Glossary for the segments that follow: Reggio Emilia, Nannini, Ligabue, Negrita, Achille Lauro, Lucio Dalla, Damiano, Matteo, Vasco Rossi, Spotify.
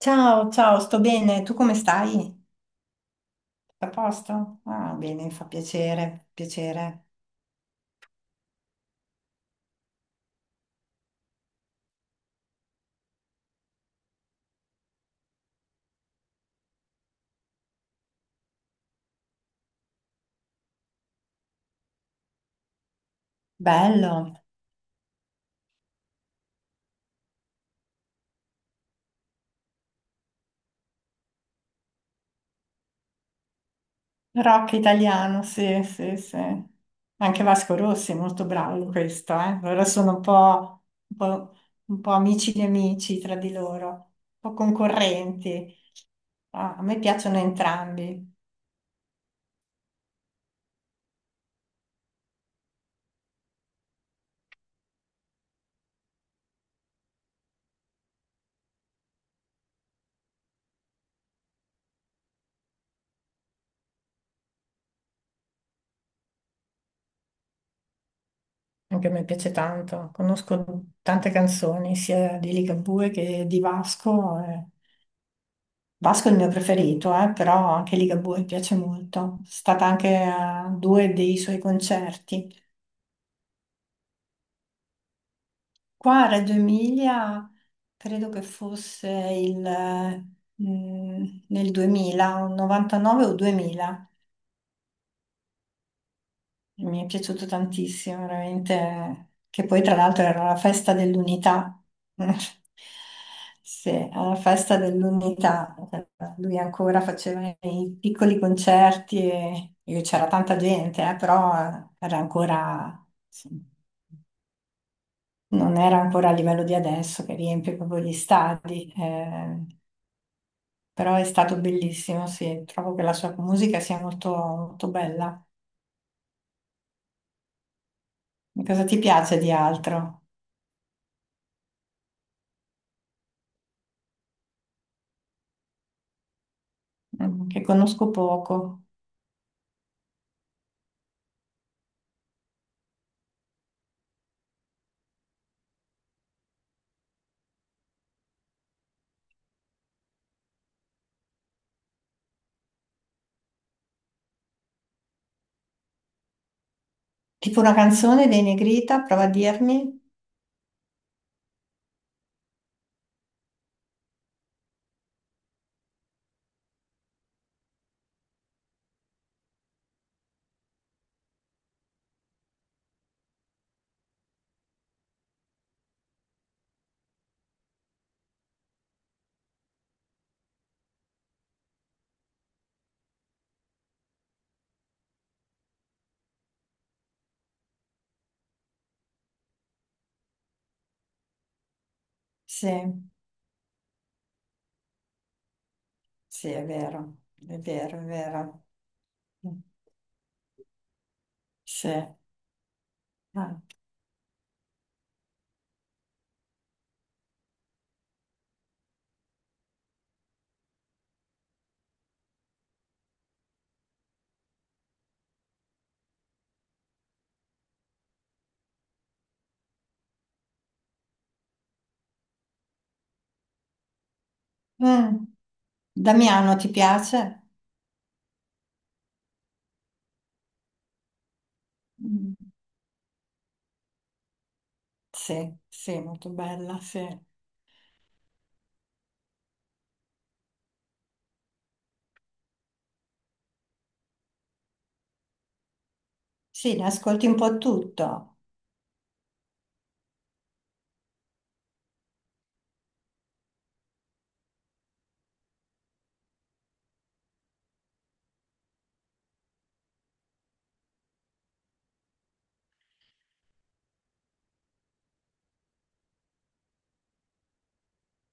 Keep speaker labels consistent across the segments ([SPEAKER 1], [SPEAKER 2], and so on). [SPEAKER 1] Ciao, ciao, sto bene. Tu come stai? A posto? Ah, bene, fa piacere, piacere. Bello. Rock italiano, sì, sì, sì. Anche Vasco Rossi è molto bravo in questo, eh. Loro sono un po' amici di amici tra di loro, un po' concorrenti. Ah, a me piacciono entrambi. Anche a me piace tanto. Conosco tante canzoni, sia di Ligabue che di Vasco. Vasco è il mio preferito, però anche Ligabue mi piace molto. Sono stata anche a due dei suoi concerti. Qua a Reggio Emilia credo che fosse nel 2000, un 99 o 2000. Mi è piaciuto tantissimo, veramente. Che poi, tra l'altro, era la festa dell'unità. Sì, alla festa dell'unità. Lui ancora faceva i piccoli concerti e c'era tanta gente, però era ancora, sì, non era ancora a livello di adesso che riempie proprio gli stadi. Però è stato bellissimo, sì. Trovo che la sua musica sia molto, molto bella. Cosa ti piace di altro? Mm, che conosco poco. Tipo una canzone dei Negrita, prova a dirmi? Sì, sì, è vero, è vero. Sì. Ah. Mm. Damiano, ti piace? Mm. Sì, sì, molto bella, sì. Sì, ne ascolti un po' tutto,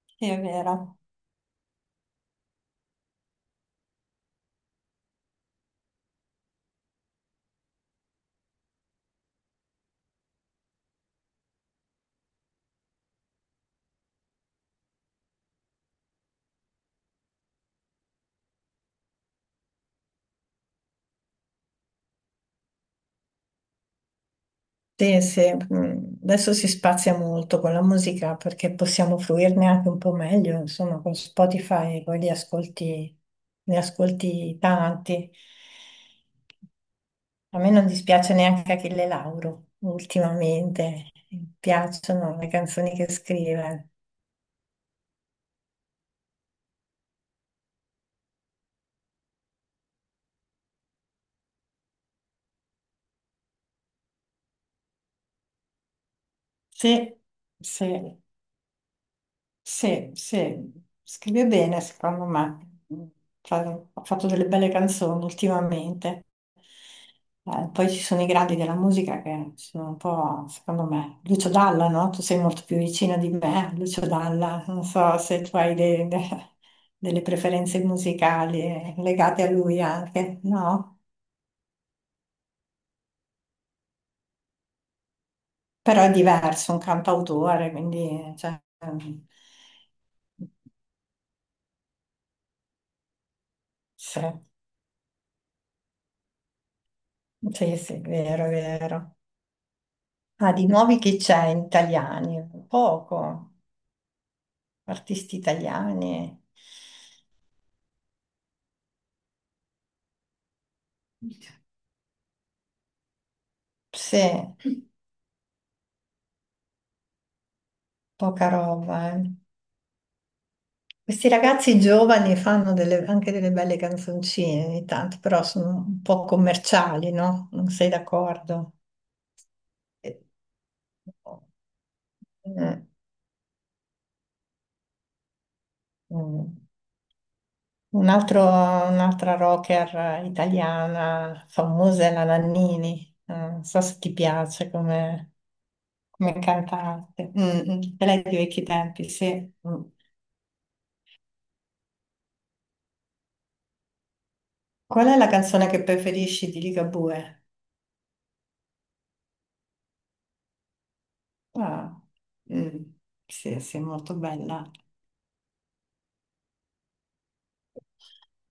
[SPEAKER 1] sì, è vero. Sì, sì, mm, adesso si spazia molto con la musica perché possiamo fruirne anche un po' meglio, insomma, con Spotify poi li ascolti, ne ascolti tanti. A me non dispiace neanche Achille Lauro ultimamente, mi piacciono le canzoni che scrive. Sì, sì. Sì, sì, scrive bene, secondo me. Fa- Ha fatto delle belle canzoni ultimamente. Poi ci sono i gradi della musica che sono un po', secondo me, Lucio Dalla, no? Tu sei molto più vicina di me, Lucio Dalla. Non so se tu hai delle preferenze musicali legate a lui anche, no? Però è diverso, un cantautore, quindi... Cioè, sì, sì, sì, vero, vero. Ah, di nuovi che c'è in italiani? Poco. Artisti italiani. Sì, poca roba. Questi ragazzi giovani fanno anche delle belle canzoncine ogni tanto, però sono un po' commerciali, no? Non sei d'accordo? Eh, Mm, mm. Un'altra rocker italiana famosa è la Nannini. Non so se ti piace come... Come cantante. Mm, mm. E lei di vecchi tempi, sì. Mm. Qual è la canzone che preferisci di Ligabue? Ah, mm. Sì, sì, molto bella.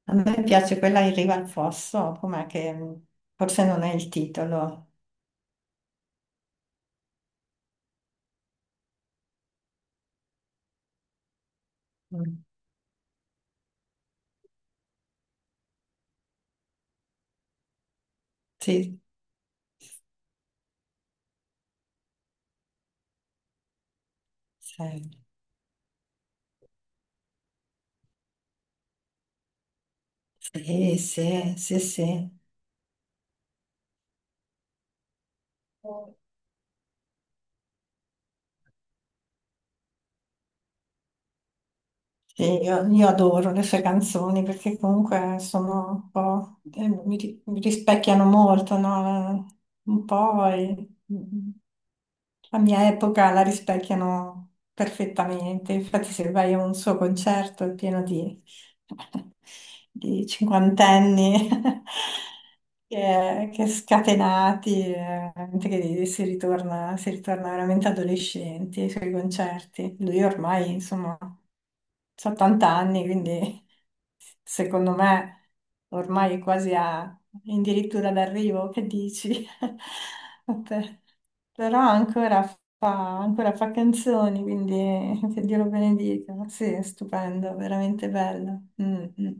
[SPEAKER 1] A me piace quella In riva al fosso, forse non è il titolo. Mm. Sì, sì, sì, sì, sì, sì. Sì, io adoro le sue canzoni perché comunque sono un po', mi rispecchiano molto, no? Un po' e- mm, la mia epoca la rispecchiano perfettamente, infatti se vai a un suo concerto è pieno di, di cinquantenni che scatenati, gente che si ritorna veramente adolescenti ai suoi concerti. Lui ormai, insomma, ha 80 anni, quindi secondo me ormai è quasi a, addirittura d'arrivo, che dici? A te. Però ancora ancora fa canzoni, quindi che Dio lo benedica. Sì, è stupendo, veramente bello. Mm, mm.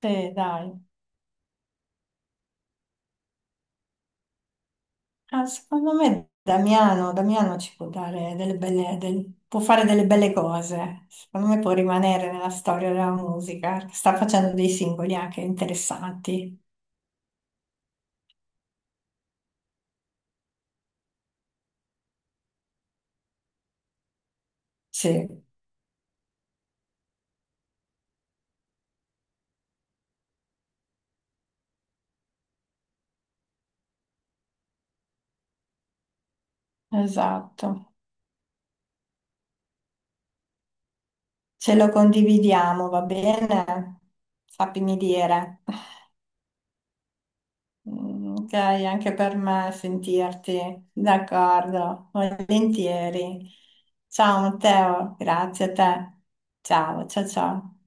[SPEAKER 1] Sì, dai. Ah, secondo me Damiano, Damiano ci può dare può fare delle belle cose. Secondo me può rimanere nella storia della musica. Sta facendo dei singoli anche interessanti. Sì, esatto. Ce lo condividiamo, va bene? Sappimi dire. Mm, ok, anche per me sentirti, d'accordo, volentieri. Ciao Matteo, grazie a te. Ciao, ciao, ciao.